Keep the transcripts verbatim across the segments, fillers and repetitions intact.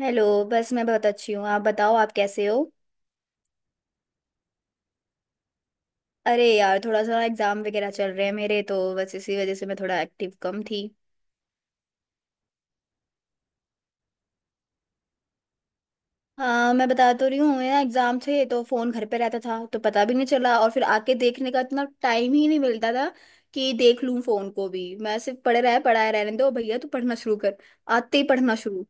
Hello. बस मैं बहुत अच्छी हूँ। आप बताओ आप कैसे हो? अरे यार, थोड़ा सा एग्जाम वगैरह चल रहे हैं मेरे तो, बस इसी वजह से मैं थोड़ा एक्टिव कम थी। हाँ, मैं बता तो रही हूँ, मेरा एग्जाम थे तो फोन घर पे रहता था तो पता भी नहीं चला, और फिर आके देखने का इतना टाइम ही नहीं मिलता था कि देख लूँ फोन को भी। मैं सिर्फ पढ़े रहे, पढ़ाए रहने दो भैया, तू पढ़ना शुरू कर। आते ही पढ़ना शुरू।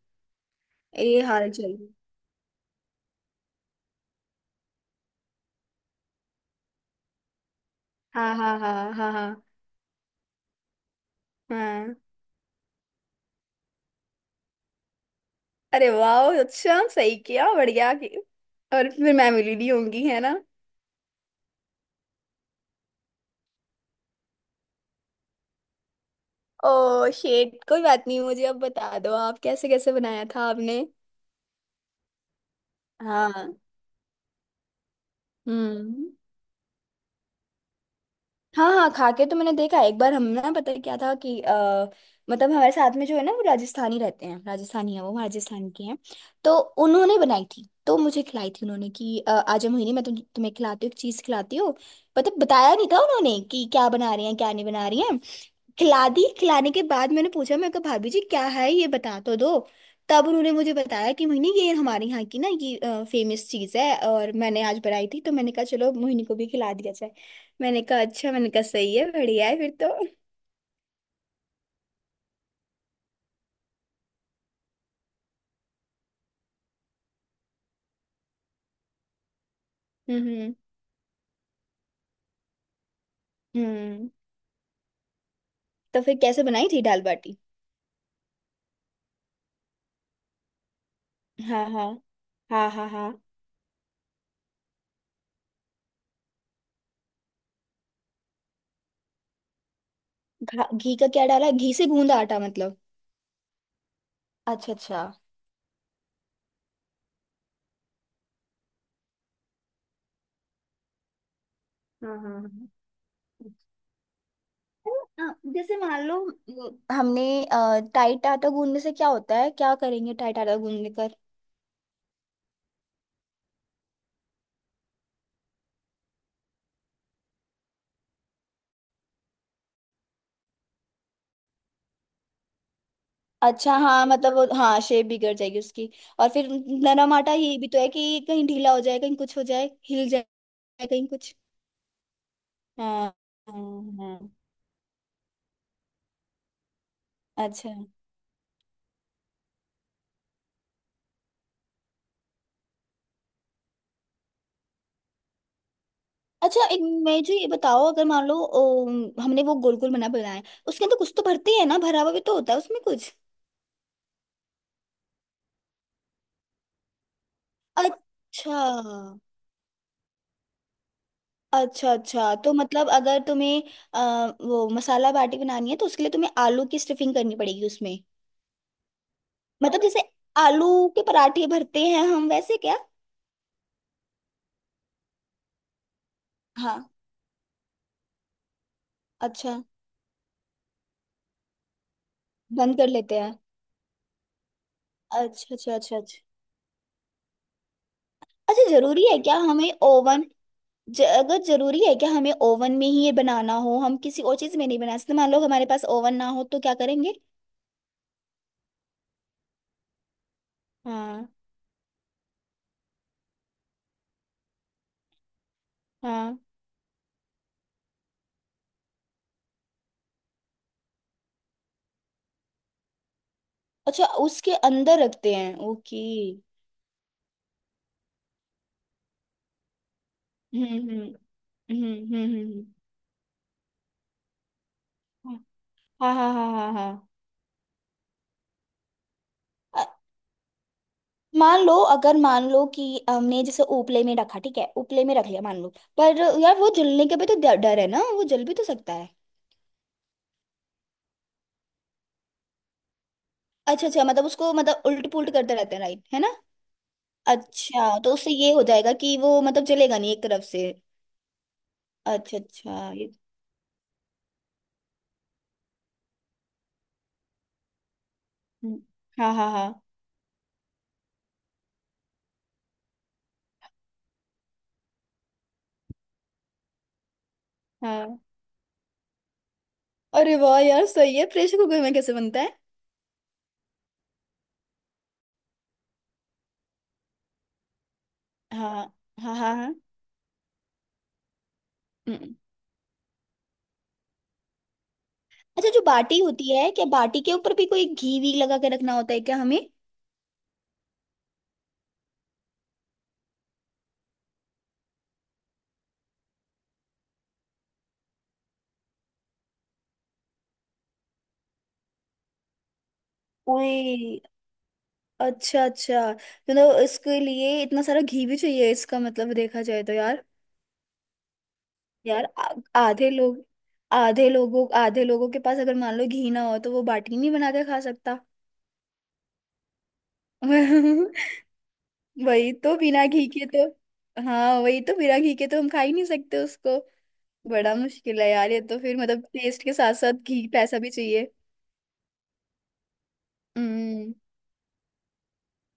ये हाल चल रही। हाँ, हाँ, हाँ, हाँ, हाँ, हाँ। अरे वाह, अच्छा सही किया, बढ़िया कि। और फिर मैं मिली नहीं होंगी, है ना? ओ शेट, कोई बात नहीं। मुझे अब बता दो आप कैसे कैसे बनाया था आपने। हाँ। हम्म। हाँ, हाँ, खा के तो मैंने देखा एक बार। हम ना, पता है क्या था कि आ, मतलब हमारे साथ में जो है ना, वो राजस्थानी रहते हैं, राजस्थानी है, वो राजस्थान के हैं। तो उन्होंने बनाई थी तो मुझे खिलाई थी उन्होंने कि अ, आज हम मोहिनी, मैं तुम तुम्हें खिलाती हूँ एक चीज़ खिलाती हूँ। मतलब बताया नहीं था उन्होंने कि क्या बना रही हैं क्या नहीं बना रही हैं। खिला दी, खिलाने के बाद मैंने पूछा, मैं कहा भाभी जी क्या है ये, बता तो दो। तब उन्होंने मुझे बताया कि मोहिनी, ये हमारे यहाँ की ना, ये फेमस चीज़ है, और मैंने आज बनाई थी तो मैंने कहा चलो मोहिनी को भी खिला दिया जाए। मैंने कहा अच्छा, मैंने कहा सही है, बढ़िया है फिर तो। हम्म। हम्म। तो फिर कैसे बनाई थी दाल बाटी? हाँ, हाँ, हाँ, हाँ, हाँ। घा- घी का क्या डाला, घी से गूंदा आटा मतलब? अच्छा अच्छा। हाँ, हाँ, हाँ। अ, जैसे मान लो, अ, हमने अ, टाइट आटा गूंदने से क्या होता है, क्या करेंगे टाइट आटा गूंदने कर? अच्छा हाँ, मतलब वो हाँ, शेप बिगड़ जाएगी उसकी। और फिर नरम आटा, ये भी तो है कि कहीं ढीला हो जाए, कहीं कुछ हो जाए, हिल जाए। कहीं कुछ। हाँ, हाँ, हाँ। अच्छा अच्छा, एक। मैं जो, ये बताओ, अगर मान लो ओ, हमने वो गोल गोल बना बनाए, उसके अंदर कुछ तो भरते हैं ना, भरा हुआ भी तो होता है उसमें कुछ। अच्छा अच्छा अच्छा, तो मतलब अगर तुम्हें आ, वो मसाला बाटी बनानी है तो उसके लिए तुम्हें आलू की स्टफिंग करनी पड़ेगी उसमें। मतलब जैसे आलू के पराठे भरते हैं हम, वैसे क्या? हाँ। अच्छा। बंद कर लेते हैं। अच्छा अच्छा अच्छा अच्छा। अच्छा जरूरी है क्या हमें ओवन, ज, अगर जरूरी है क्या हमें ओवन में ही ये बनाना, हो हम किसी और चीज में नहीं बना सकते, मान लो हमारे पास ओवन ना हो तो क्या करेंगे? हाँ, हाँ। अच्छा उसके अंदर रखते हैं, ओके। हम्म, हम्म, हम्म, हम्म, हम्म, हम्म। हाँ, हाँ, हाँ, हाँ, हाँ। अ, मान लो, अगर मान लो कि हमने जैसे उपले में रखा, ठीक है उपले में रख लिया मान लो, पर यार, वो जलने का भी तो डर डर है ना, वो जल भी तो सकता है। अच्छा अच्छा, मतलब उसको मतलब उल्ट पुल्ट करते रहते हैं, राइट, है ना? अच्छा, तो उससे ये हो जाएगा कि वो मतलब जलेगा नहीं एक तरफ से। अच्छा अच्छा ये। हम्म। हाँ, हाँ, हाँ, हाँ, अरे वाह यार, सही है। प्रेशर कुकर में कैसे बनता है? हाँ, हाँ, हाँ, हाँ। हम्म। अच्छा, जो बाटी होती है, क्या बाटी के ऊपर भी कोई घी वी लगा के रखना होता है क्या हमें? ओए। अच्छा अच्छा, मतलब इसके लिए इतना सारा घी भी चाहिए, इसका मतलब देखा जाए तो यार। यार, आ- आधे लोग, आधे लोगों आधे लोगों के पास अगर मान लो घी ना हो तो वो बाटी नहीं बना के खा सकता। वही तो, बिना घी के तो, हाँ वही तो, बिना घी के तो हम खा ही नहीं सकते उसको। बड़ा मुश्किल है यार ये तो, फिर मतलब टेस्ट के साथ साथ घी, पैसा भी चाहिए। हम्म।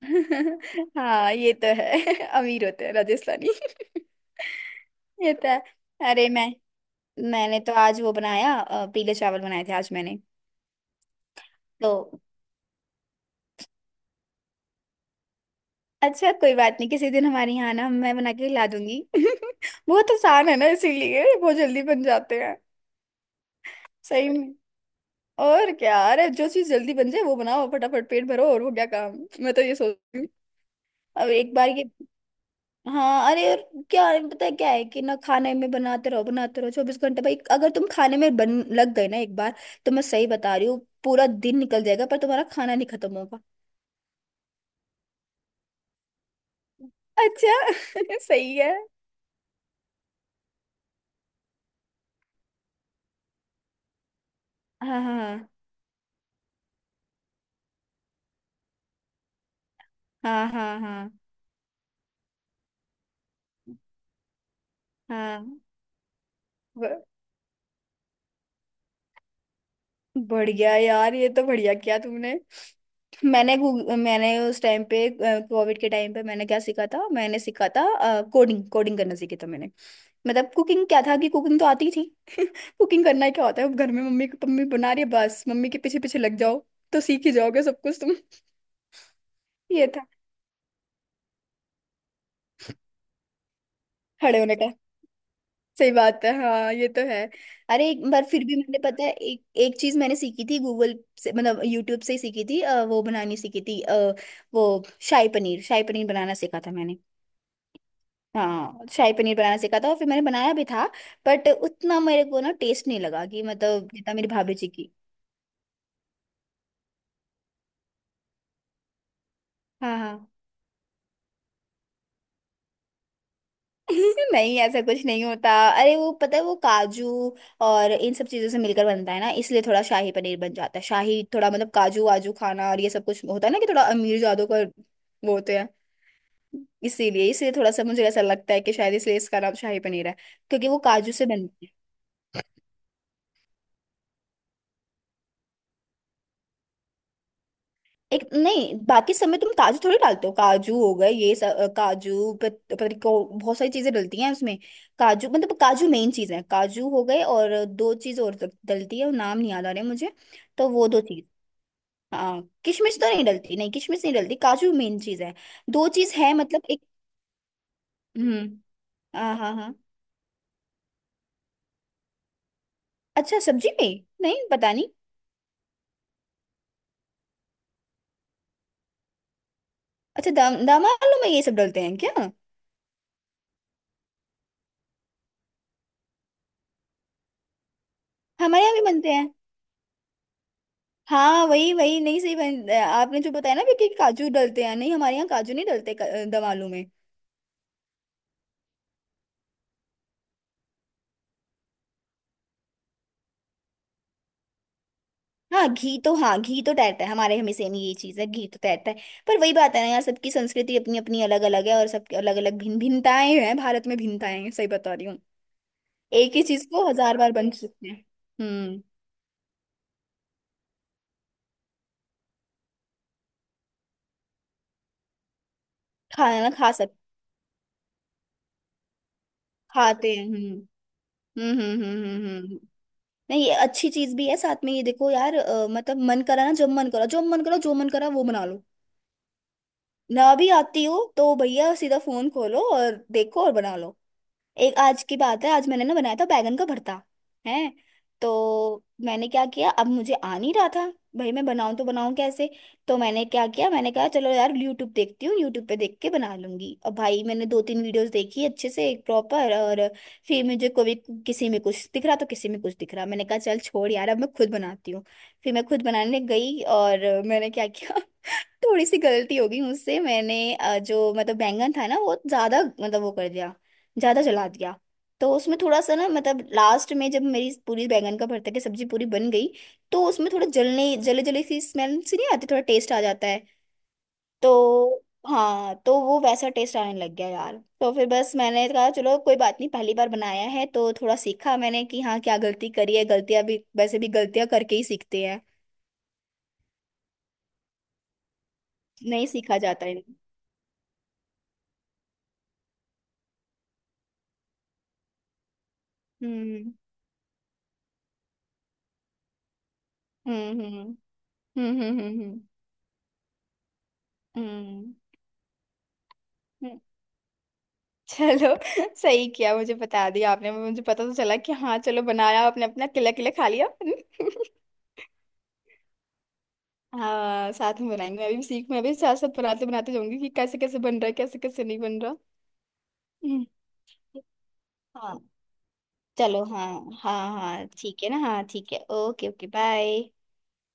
हाँ ये तो है। अमीर होते हैं राजस्थानी। ये तो है। अरे मैं, मैंने तो आज वो बनाया, अ, पीले चावल बनाए थे आज मैंने। तो अच्छा, कोई बात नहीं, किसी दिन हमारे यहाँ ना मैं बना के ला दूंगी। बहुत आसान है ना, इसीलिए बहुत जल्दी बन जाते हैं। सही में, और क्या। अरे, जो चीज जल्दी बन जाए वो बनाओ, फटाफट पेट भरो और हो गया काम। मैं तो ये सोचती हूँ। अब एक बार ये, हाँ अरे यार, क्या है, पता है क्या है कि ना, खाने में बनाते रहो बनाते रहो चौबीस घंटे, भाई अगर तुम खाने में बन लग गए ना एक बार, तो मैं सही बता रही हूँ, पूरा दिन निकल जाएगा पर तुम्हारा खाना नहीं खत्म। अच्छा, सही है। हाँ, हाँ, हाँ, हाँ, हाँ, हाँ। ब- बढ़िया यार, ये तो बढ़िया किया तुमने। मैंने गूग- मैंने उस टाइम पे, कोविड के टाइम पे मैंने क्या सीखा था, मैंने सीखा था कोडिंग, कोडिंग करना सीखी था मैंने। मतलब कुकिंग क्या था कि कुकिंग तो आती ही थी। कुकिंग करना क्या होता है, अब घर में मम्मी मम्मी बना रही है बस, मम्मी के पीछे पीछे लग जाओ, तो सीख ही जाओगे सब कुछ तुम। ये था, खड़े होने का। सही बात है, हाँ ये तो है। अरे एक बार फिर भी मैंने, पता है एक एक चीज मैंने सीखी थी गूगल से, मतलब यूट्यूब से ही सीखी थी, अ, वो बनानी सीखी थी, अ, वो शाही पनीर, शाही पनीर बनाना सीखा था मैंने। हाँ शाही पनीर बनाना सीखा था और फिर मैंने बनाया भी था। बट उतना मेरे को ना टेस्ट नहीं लगा, कि मतलब जितना मेरी भाभी जी की। हाँ, हाँ। नहीं ऐसा कुछ नहीं होता। अरे वो पता है, वो काजू और इन सब चीजों से मिलकर बनता है ना, इसलिए थोड़ा शाही पनीर बन जाता है शाही, थोड़ा मतलब काजू वाजू खाना और ये सब कुछ, होता है ना कि थोड़ा अमीर जादों का वो होते हैं, इसीलिए इसलिए थोड़ा सा मुझे ऐसा लगता है कि शायद इसलिए इसका नाम शाही पनीर है, क्योंकि वो काजू से बनती है। एक नहीं, बाकी सब में तुम काजू थोड़ी डालते हो, काजू हो गए, ये सब अ, काजू, प- पता नहीं कौ- बहुत सारी चीजें डलती हैं उसमें। काजू, मतलब काजू मेन चीज है, काजू हो गए, और दो चीज और डल- डलती है, वो नाम नहीं याद आ रहे मुझे। तो वो दो चीज, हाँ किशमिश तो नहीं डलती, नहीं किशमिश नहीं डलती, काजू मेन चीज है। दो चीज है मतलब, एक। हम्म। हाँ, हाँ, हाँ। अच्छा सब्जी में? नहीं पता नहीं। अच्छा दम दम आलू में ये सब डलते हैं क्या? हमारे यहाँ भी बनते हैं। हाँ वही, वही नहीं सही बन, आपने जो बताया ना भी कि काजू डलते हैं, नहीं हमारे यहाँ काजू नहीं डलते, क- दम आलू में। हाँ घी तो, हाँ घी तो तैरता है हमारे, हमें सेम ये चीज़ है, घी तो तैरता है। पर वही बात है ना यार, सबकी संस्कृति अपनी अपनी अलग अलग है, और सबकी अलग अलग भिन्न भिन्नताएं हैं, भारत में भिन्नताएं हैं, सही बता रही हूँ। एक ही चीज को हजार बार बन सकते हैं। हम्म। खाना खा सक, खाते हैं। हम्म, हम्म, हम्म, हम्म, हम्म, हम्म। हम्म। नहीं, ये अच्छी चीज भी है साथ में। ये देखो यार, अ, मतलब मन करा ना, जब मन करा, जब मन करा, जो मन करा वो बना लो। मैं अभी आती हूँ तो भैया सीधा फोन खोलो और देखो और बना लो। एक आज की बात है, आज मैंने ना बनाया था बैगन का भरता है, तो मैंने क्या किया, अब मुझे आ नहीं रहा था, भाई मैं बनाऊं तो बनाऊं कैसे? तो मैंने क्या किया, मैंने कहा चलो यार यूट्यूब देखती हूँ, यूट्यूब पे देख के बना लूंगी, और भाई मैंने दो तीन वीडियोस देखी अच्छे से, एक प्रॉपर, और फिर मुझे कभी, किसी में कुछ दिख रहा तो किसी में कुछ दिख रहा, मैंने कहा चल छोड़ यार, अब मैं खुद बनाती हूँ। फिर मैं खुद बनाने गई और मैंने क्या किया, थोड़ी सी गलती हो गई मुझसे, मैंने अ, जो मतलब बैंगन था ना, वो ज्यादा मतलब वो कर दिया, ज्यादा जला दिया। तो उसमें थोड़ा सा ना मतलब, लास्ट में जब मेरी पूरी बैंगन का भरता की सब्जी पूरी बन गई, तो उसमें थोड़ा जलने, जले जले सी स्मेल सी नहीं आती, थोड़ा टेस्ट आ जाता है, तो हाँ तो वो वैसा टेस्ट आने लग गया यार। तो फिर बस मैंने कहा चलो कोई बात नहीं, पहली बार बनाया है तो थोड़ा सीखा मैंने कि हाँ क्या गलती करी है, गलतियां भी वैसे भी गलतियां करके ही सीखते हैं, नहीं सीखा जाता है। हम्म, हम्म, हम्म, हम्म। हम्म, हम्म, हम्म, हम्म, हम्म। हम्म। चलो, सही किया मुझे बता दिया आपने, मुझे पता तो चला कि हाँ चलो बनाया आपने, अपना किला किला खा लिया। हाँ साथ में बनाएंगे, मैं भी सीख मैं भी साथ साथ बनाते बनाते जाऊंगी कि कैसे कैसे बन रहा है, कैसे कैसे नहीं बन रहा। हम्म। हाँ चलो, हाँ। हाँ, हाँ ठीक है ना, हाँ ठीक है, ओके ओके, बाय।